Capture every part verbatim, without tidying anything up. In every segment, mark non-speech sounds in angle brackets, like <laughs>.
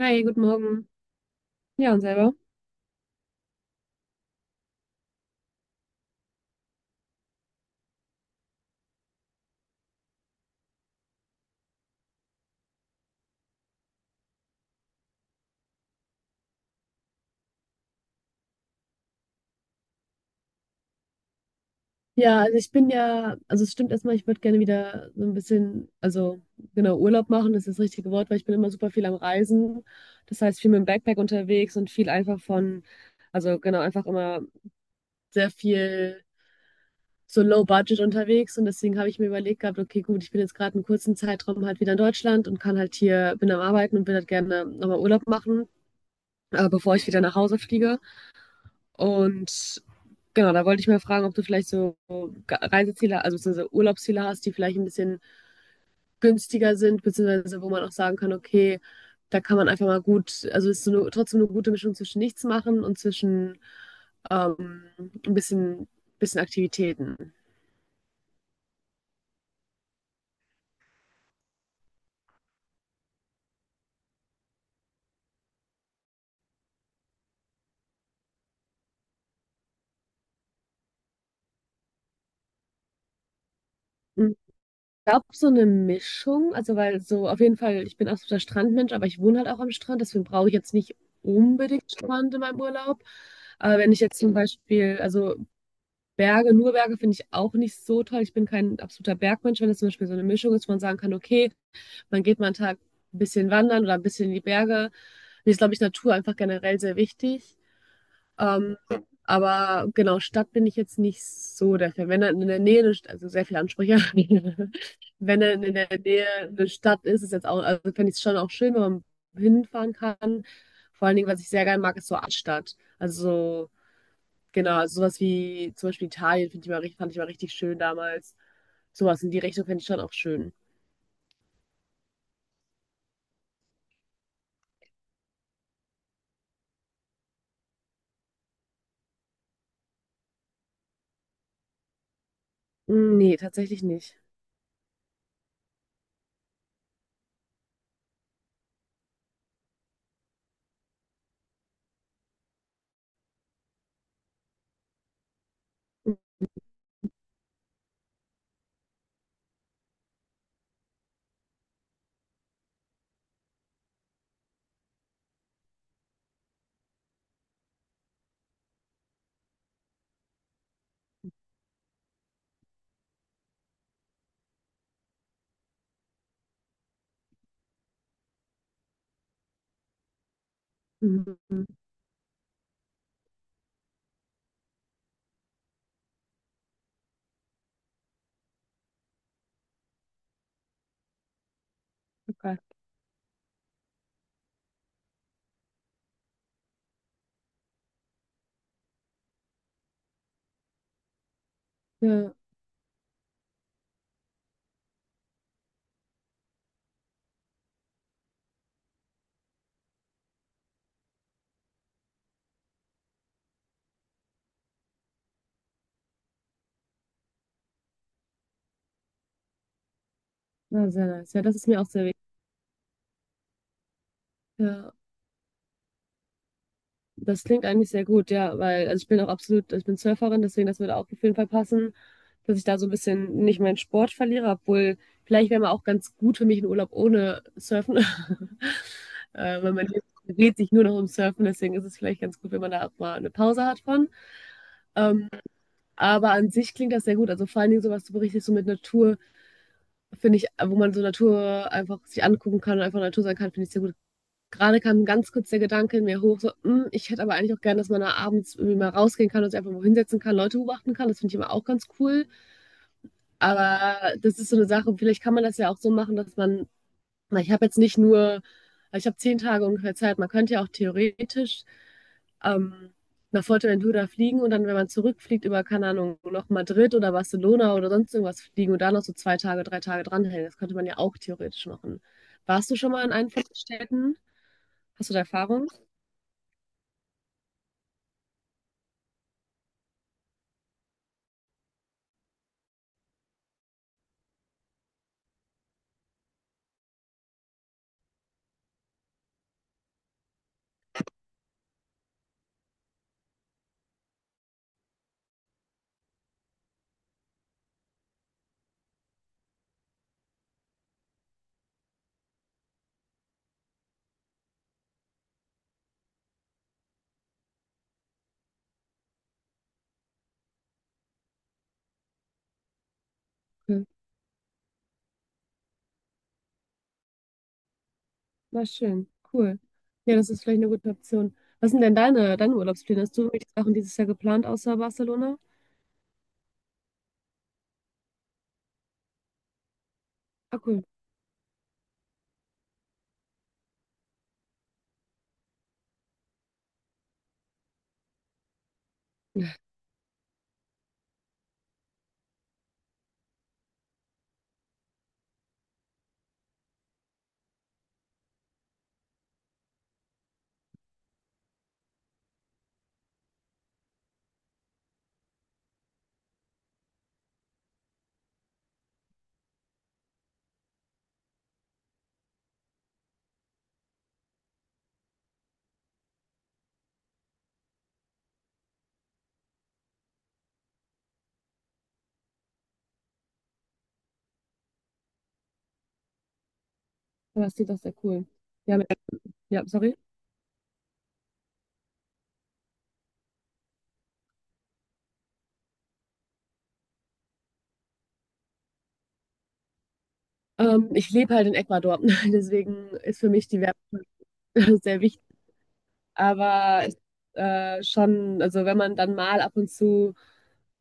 Hi, guten Morgen. Ja, und selber? Ja, also ich bin ja, also es stimmt erstmal, ich würde gerne wieder so ein bisschen, also genau, Urlaub machen, das ist das richtige Wort, weil ich bin immer super viel am Reisen. Das heißt, viel mit dem Backpack unterwegs und viel einfach von, also genau, einfach immer sehr viel so low budget unterwegs. Und deswegen habe ich mir überlegt gehabt, okay, gut, ich bin jetzt gerade einen kurzen Zeitraum halt wieder in Deutschland und kann halt hier, bin am Arbeiten und will halt gerne nochmal Urlaub machen, äh, bevor ich wieder nach Hause fliege. Und genau, da wollte ich mal fragen, ob du vielleicht so Ga- Reiseziele, also beziehungsweise Urlaubsziele hast, die vielleicht ein bisschen günstiger sind, beziehungsweise wo man auch sagen kann, okay, da kann man einfach mal gut, also es ist so eine, trotzdem eine gute Mischung zwischen nichts machen und zwischen ähm, ein bisschen, bisschen Aktivitäten. Ich glaube, so eine Mischung, also weil so auf jeden Fall, ich bin absoluter Strandmensch, aber ich wohne halt auch am Strand, deswegen brauche ich jetzt nicht unbedingt Strand in meinem Urlaub. Aber wenn ich jetzt zum Beispiel, also Berge, nur Berge finde ich auch nicht so toll. Ich bin kein absoluter Bergmensch, wenn es zum Beispiel so eine Mischung ist, wo man sagen kann, okay, man geht mal einen Tag ein bisschen wandern oder ein bisschen in die Berge. Mir ist, glaube ich, Natur einfach generell sehr wichtig. Ähm, Ja, aber genau, Stadt bin ich jetzt nicht so der Fan. Wenn dann in der Nähe, eine St- also sehr viele Ansprüche, <laughs> wenn dann in der Nähe eine Stadt ist, ist jetzt auch, also fände ich es schon auch schön, wenn man hinfahren kann. Vor allen Dingen, was ich sehr gerne mag, ist so Altstadt. Also so genau, also sowas wie zum Beispiel Italien finde ich mal, richtig- fand ich mal richtig schön damals. Sowas in die Richtung fände ich schon auch schön. Mm, Nee, tatsächlich nicht. Mhm. Okay. Ja, na, sehr nice. Ja, das ist mir auch sehr wichtig. Ja, das klingt eigentlich sehr gut, ja, weil also ich bin auch absolut, also ich bin Surferin, deswegen das würde auch auf jeden Fall passen, dass ich da so ein bisschen nicht meinen Sport verliere, obwohl vielleicht wäre mal auch ganz gut für mich ein Urlaub ohne Surfen. <laughs> Äh, weil man dreht sich nur noch um Surfen, deswegen ist es vielleicht ganz gut, wenn man da auch mal eine Pause hat von. Ähm, Aber an sich klingt das sehr gut. Also vor allen Dingen so, was du berichtest, so mit Natur, finde ich, wo man so Natur einfach sich angucken kann und einfach Natur sein kann, finde ich sehr gut. Gerade kam ganz kurz der Gedanke in mir hoch, so, mm, ich hätte aber eigentlich auch gern, dass man da abends irgendwie mal rausgehen kann und sich einfach mal hinsetzen kann, Leute beobachten kann. Das finde ich immer auch ganz cool. Aber das ist so eine Sache, vielleicht kann man das ja auch so machen, dass man weil ich habe jetzt nicht nur, also ich habe zehn Tage ungefähr Zeit. Man könnte ja auch theoretisch ähm, nach Fuerteventura fliegen und dann, wenn man zurückfliegt, über, keine Ahnung, noch Madrid oder Barcelona oder sonst irgendwas fliegen und da noch so zwei Tage, drei Tage dranhängen. Das könnte man ja auch theoretisch machen. Warst du schon mal in einem von den Städten? Hast du da Erfahrung? Okay. Na schön, cool. Ja, das ist vielleicht eine gute Option. Was sind denn deine, deine Urlaubspläne? Hast du irgendwelche Sachen dieses Jahr geplant außer Barcelona? Ah, cool. <laughs> Ja, das klingt doch sehr cool. Ja, mit, ja, sorry. Ähm, ich lebe halt in Ecuador, <laughs> deswegen ist für mich die Werbung <laughs> sehr wichtig. Aber es, äh, schon, also wenn man dann mal ab und zu,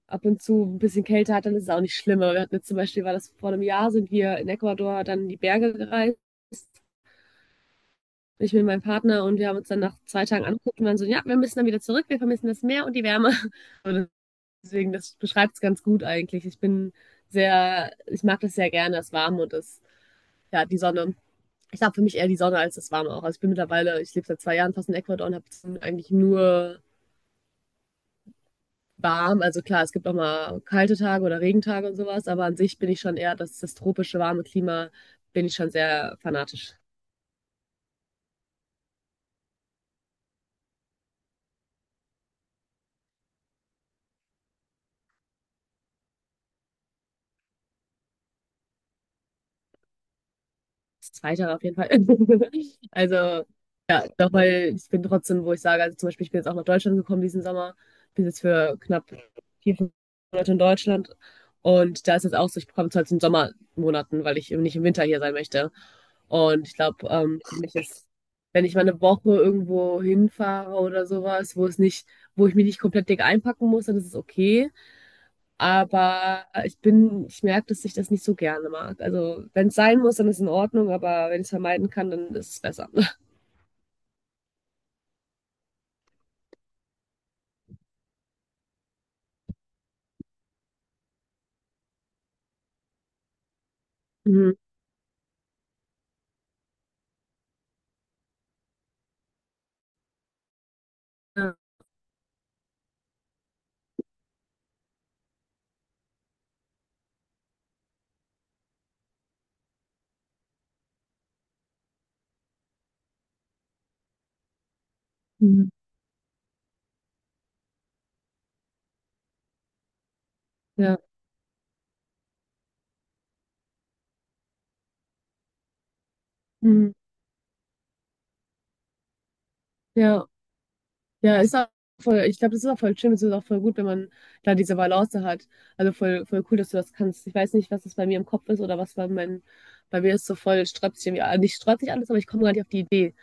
ab und zu ein bisschen Kälte hat, dann ist es auch nicht schlimm. Aber wir hatten jetzt zum Beispiel, war das vor einem Jahr, sind wir in Ecuador dann in die Berge gereist. Ich mit meinem Partner und wir haben uns dann nach zwei Tagen angeguckt und waren so, ja, wir müssen dann wieder zurück, wir vermissen das Meer und die Wärme. <laughs> Und deswegen, das beschreibt es ganz gut eigentlich. Ich bin sehr, ich mag das sehr gerne, das Warme und das, ja, die Sonne. Ich habe für mich eher die Sonne als das Warme auch. Also ich bin mittlerweile, ich lebe seit zwei Jahren fast in Ecuador und habe eigentlich nur warm. Also klar, es gibt auch mal kalte Tage oder Regentage und sowas, aber an sich bin ich schon eher, das, das tropische warme Klima, bin ich schon sehr fanatisch. Das Zweite auf jeden Fall. <laughs> Also doch, weil ich bin trotzdem, wo ich sage, also zum Beispiel, ich bin jetzt auch nach Deutschland gekommen diesen Sommer, bin jetzt für knapp vier, fünf Monate in Deutschland und da ist es auch so, ich komme zwar zu den Sommermonaten, weil ich eben nicht im Winter hier sein möchte. Und ich glaube, ähm, für mich ist, wenn ich mal eine Woche irgendwo hinfahre oder sowas, wo es nicht, wo ich mich nicht komplett dick einpacken muss, dann ist es okay. Aber ich bin, ich merke, dass ich das nicht so gerne mag. Also wenn es sein muss, dann ist es in Ordnung, aber wenn ich es vermeiden kann, dann ist es besser. <laughs> Mhm. Ja. Mhm. Ja. Mhm. Ja. Ja, ist auch voll, ich glaube, das ist auch voll schön. Das ist auch voll gut, wenn man da diese Balance hat. Also voll, voll cool, dass du das kannst. Ich weiß nicht, was das bei mir im Kopf ist oder was bei meinem, bei mir ist so voll strapaziert, irgendwie- nicht strapaziert alles, aber ich komme gar nicht auf die Idee.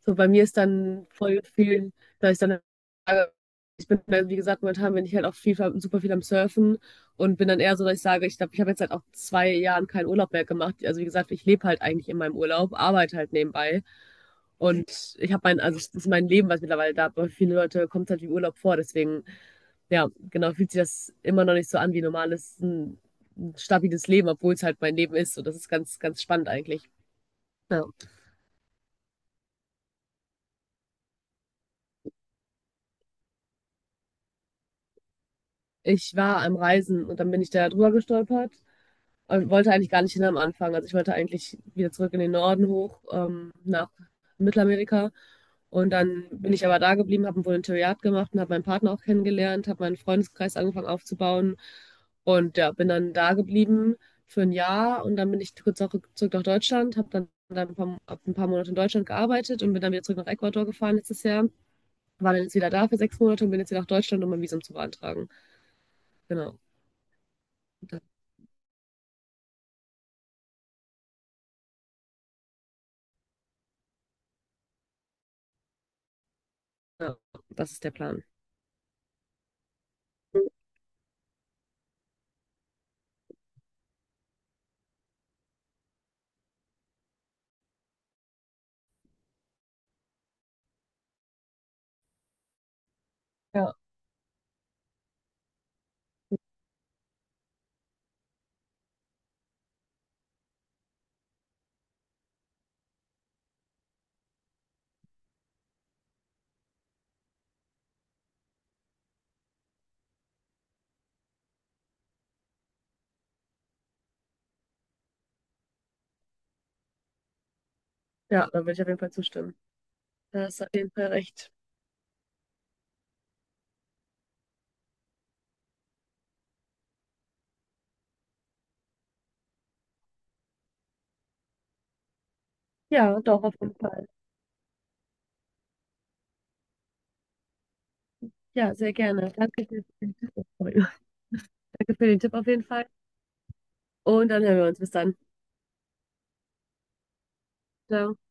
So, bei mir ist dann voll viel, da ist dann ich bin, dann, wie gesagt, momentan bin ich halt auch viel, super viel am Surfen und bin dann eher so, dass ich sage, ich glaube, ich habe jetzt halt auch zwei Jahren keinen Urlaub mehr gemacht. Also wie gesagt, ich lebe halt eigentlich in meinem Urlaub, arbeite halt nebenbei. Und ich habe mein, also das ist mein Leben, was mittlerweile da, aber für viele Leute kommt es halt wie Urlaub vor. Deswegen, ja, genau, fühlt sich das immer noch nicht so an wie normales, ein, ein stabiles Leben, obwohl es halt mein Leben ist. Und das ist ganz, ganz spannend eigentlich. Ja. Ich war am Reisen und dann bin ich da drüber gestolpert und wollte eigentlich gar nicht hin am Anfang. Also ich wollte eigentlich wieder zurück in den Norden hoch, ähm, nach Mittelamerika. Und dann bin ich aber da geblieben, habe ein Volontariat gemacht und habe meinen Partner auch kennengelernt, habe meinen Freundeskreis angefangen aufzubauen und ja, bin dann da geblieben für ein Jahr und dann bin ich kurz auch zurück nach Deutschland, habe dann, dann ein paar, hab ein paar Monate in Deutschland gearbeitet und bin dann wieder zurück nach Ecuador gefahren letztes Jahr, war dann jetzt wieder da für sechs Monate und bin jetzt wieder nach Deutschland, um mein Visum zu beantragen. Genau. Ja. Das ist der Plan. Ja, ja, da würde ich auf jeden Fall zustimmen. Da hast du auf jeden Fall recht. Ja, doch, auf jeden Fall. Ja, sehr gerne. Danke für den Tipp. Sorry. <laughs> Danke für den Tipp auf jeden Fall. Und dann hören wir uns. Bis dann. Ciao.